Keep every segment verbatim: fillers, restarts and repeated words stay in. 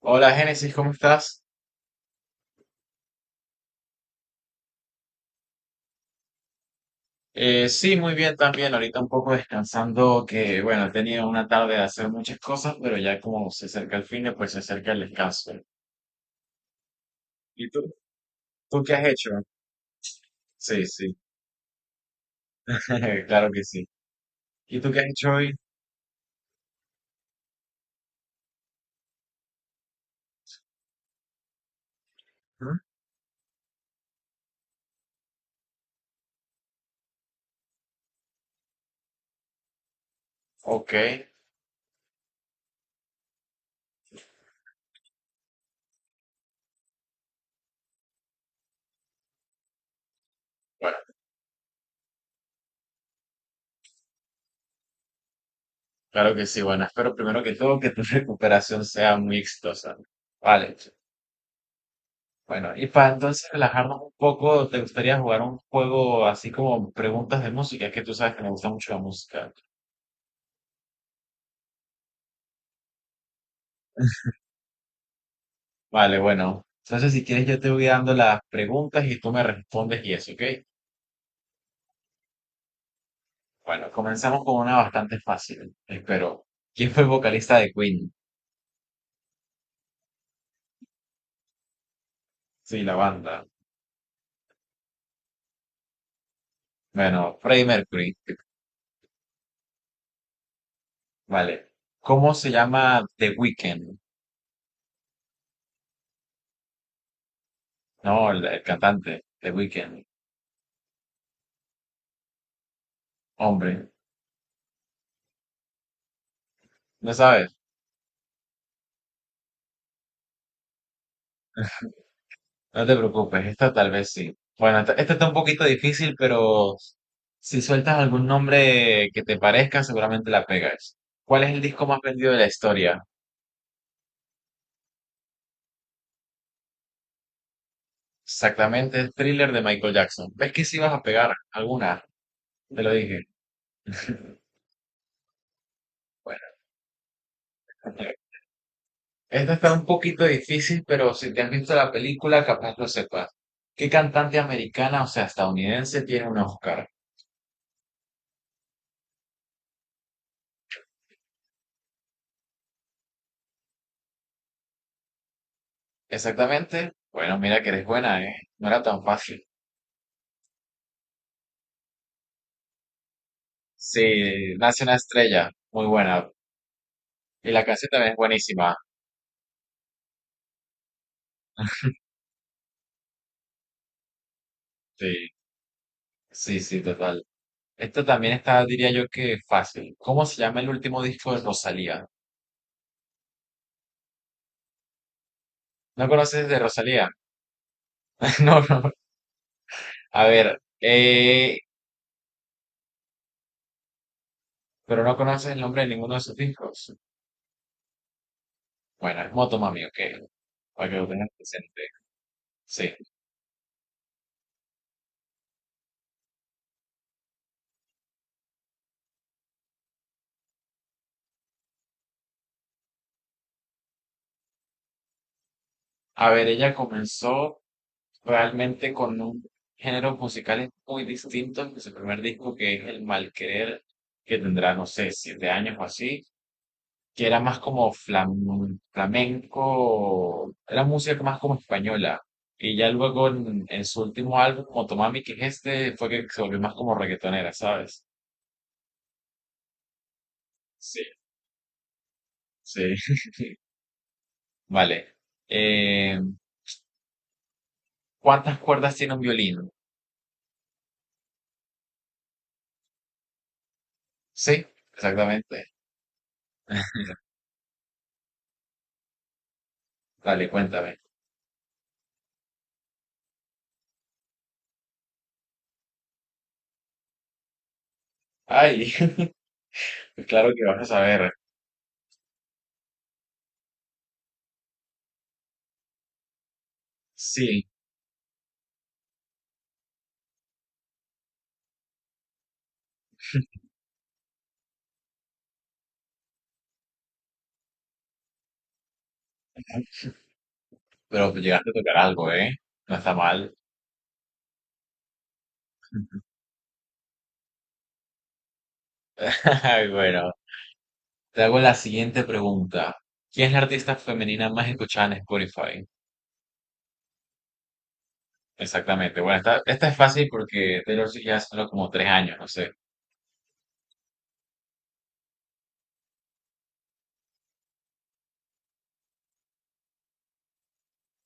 Hola Génesis, ¿cómo estás? Eh, sí, muy bien también. Ahorita un poco descansando, que bueno, he tenido una tarde de hacer muchas cosas, pero ya como se acerca el fin de, pues se acerca el descanso. ¿Y tú? ¿Tú qué has hecho? Sí, sí, claro que sí. ¿Y tú qué has hecho hoy? ¿Mm? Ok, claro que sí. Bueno, espero primero que todo que tu recuperación sea muy exitosa. Vale, bueno, y para entonces relajarnos un poco, ¿te gustaría jugar un juego así como preguntas de música? Es que tú sabes que me gusta mucho la música. Vale, bueno. Entonces, si quieres, yo te voy dando las preguntas y tú me respondes y eso, ¿ok? Bueno, comenzamos con una bastante fácil, espero. ¿Quién fue el vocalista de Queen? Sí, la banda. Bueno, Freddie Mercury. Vale. ¿Cómo se llama The Weeknd? No, el, el cantante, The Weeknd. Hombre, no sabes, no te preocupes, esta tal vez sí. Bueno, esta, esta está un poquito difícil, pero si sueltas algún nombre que te parezca, seguramente la pegas. ¿Cuál es el disco más vendido de la historia? Exactamente, Thriller de Michael Jackson. ¿Ves que si vas a pegar alguna? Te lo dije. Bueno, esta está un poquito difícil, pero si te has visto la película, capaz lo sepas. ¿Qué cantante americana, o sea, estadounidense, tiene un Oscar? Exactamente. Bueno, mira que eres buena, ¿eh? No era tan fácil. Sí, nace una estrella. Muy buena. Y la canción también es buenísima. Sí, sí, sí, total. Esto también está, diría yo que fácil. ¿Cómo se llama el último disco de Rosalía? ¿No conoces de Rosalía? No, no. A ver, eh, pero no conoces el nombre de ninguno de sus discos. Bueno, es Moto Mami, ok, para que lo tengas presente. Sí. A ver, ella comenzó realmente con un género musical muy distinto que su primer disco, que es El Malquerer, que tendrá, no sé, siete años o así, que era más como flam- flamenco, era música más como española. Y ya luego en, en su último álbum, Motomami, que es este, fue que se volvió más como reggaetonera, ¿sabes? Sí, sí. Vale. Eh, ¿cuántas cuerdas tiene un violín? Sí, exactamente. Dale, cuéntame. Ay, pues claro que vas a saber. Sí, pero llegaste a tocar algo, ¿eh? No está mal. Ay, bueno, te hago la siguiente pregunta. ¿Quién es la artista femenina más escuchada en Spotify? Exactamente. Bueno, esta, esta es fácil porque Taylor Swift ya hace solo como tres años, no sé.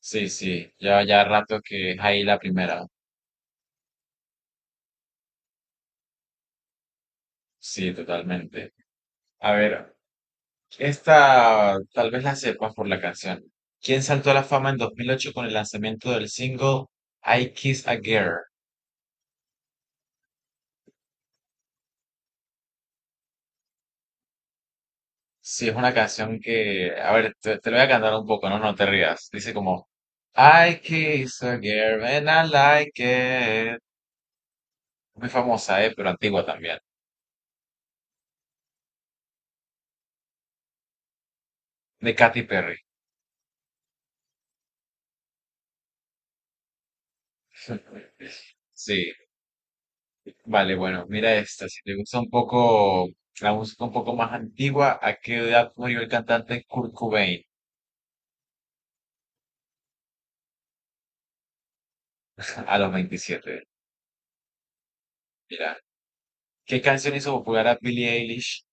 Sí, sí, ya, ya rato que es ahí la primera. Sí, totalmente. A ver, esta tal vez la sepas por la canción. ¿Quién saltó a la fama en dos mil ocho con el lanzamiento del single I Kiss a Girl? Sí, es una canción que, a ver, te, te lo voy a cantar un poco, no, no te rías. Dice como I Kiss a Girl and I Like It. Muy famosa, eh, pero antigua también. De Katy Perry. Sí, vale, bueno, mira esta. Si te gusta un poco la música un poco más antigua, ¿a qué edad murió el cantante Kurt Cobain? A los veintisiete. Mira. ¿Qué canción hizo popular a Billie Eilish?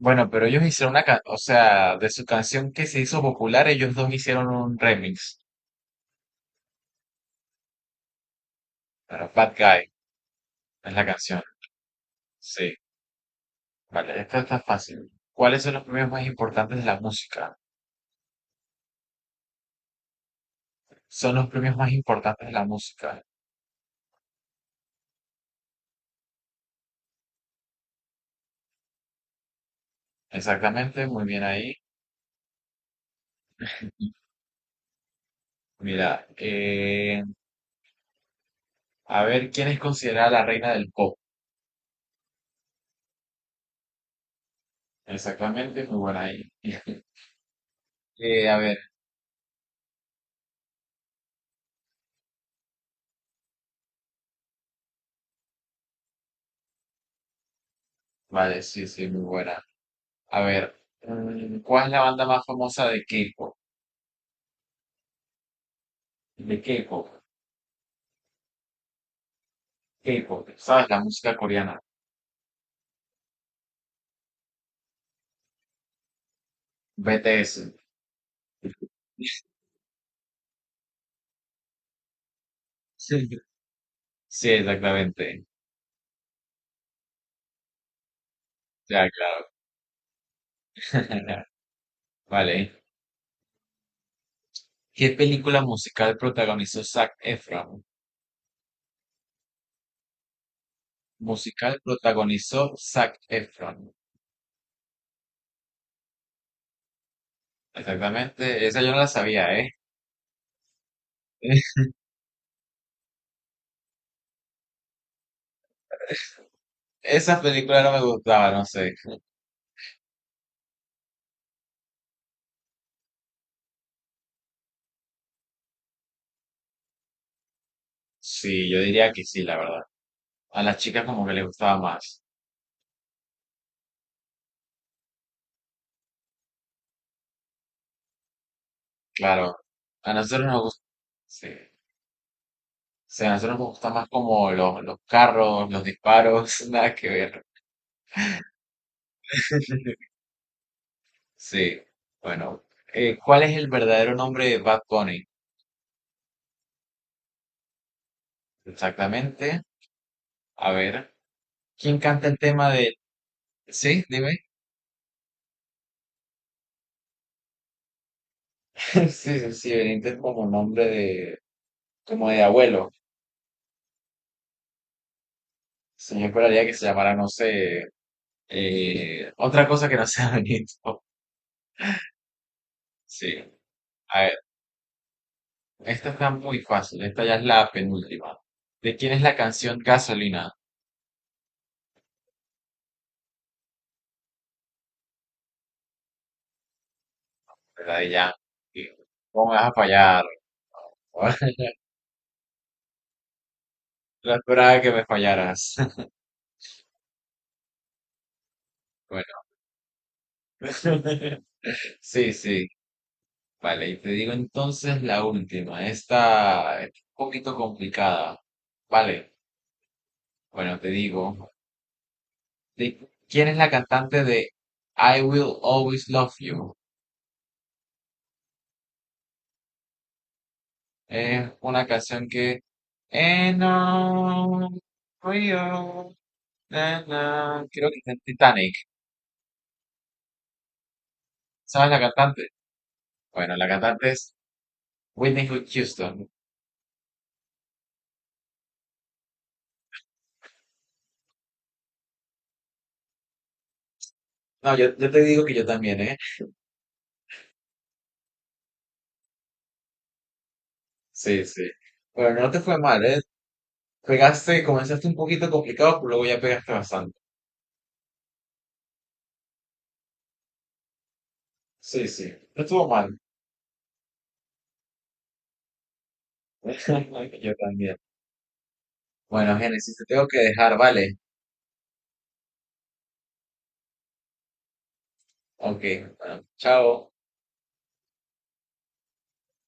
Bueno, pero ellos hicieron una canción, o sea, de su canción que se hizo popular, ellos dos hicieron un remix para Bad Guy, es la canción. Sí, vale, esta está fácil. ¿Cuáles son los premios más importantes de la música? Son los premios más importantes de la música. Exactamente, muy bien ahí. Mira, eh, a ver, ¿quién es considerada la reina del pop? Exactamente, muy buena ahí. Eh, a ver, vale, sí, sí, muy buena. A ver, mm, ¿cuál es la banda más famosa de K-pop? De K-pop, K-pop, ¿sabes? La música coreana, B T S. Sí, sí, exactamente. Ya, claro. Vale. ¿Qué película musical protagonizó Zac Efron? Musical protagonizó Zac Efron. Exactamente, esa yo no la sabía, ¿eh? Esa película no me gustaba, no sé. Sí, yo diría que sí, la verdad. A las chicas como que les gustaba más. Claro. A nosotros nos gusta. Sí. O sea, a nosotros nos gustan más como los, los carros, los disparos, nada que ver. Sí, bueno. eh, ¿cuál es el verdadero nombre de Bad Bunny? Exactamente. A ver, ¿quién canta el tema de... Sí, dime. Sí, sí, sí, Benítez es como nombre de... como de abuelo. Sí, yo esperaría que se llamara, no sé, eh, otra cosa que no sea Benito. Sí. A ver, esta está muy fácil. Esta ya es la penúltima. ¿De quién es la canción Gasolina? ¿Verdad? Y ya, y, ¿cómo me vas a fallar? No esperaba que me fallaras. Bueno, sí, sí, vale. Y te digo entonces la última. Esta es un poquito complicada. Vale, bueno, te digo. ¿De ¿quién es la cantante de I Will Always Love You? Es una canción que... And I'm real, na, na. Creo que está en Titanic. ¿Sabes la cantante? Bueno, la cantante es Whitney Houston. No, yo, yo te digo que yo también, ¿eh? Sí, sí. Pero no te fue mal, ¿eh? Pegaste, comenzaste un poquito complicado, pero luego ya pegaste bastante. Sí, sí. No estuvo mal. Yo también. Bueno, Génesis, te tengo que dejar, ¿vale? Ok, bueno, chao.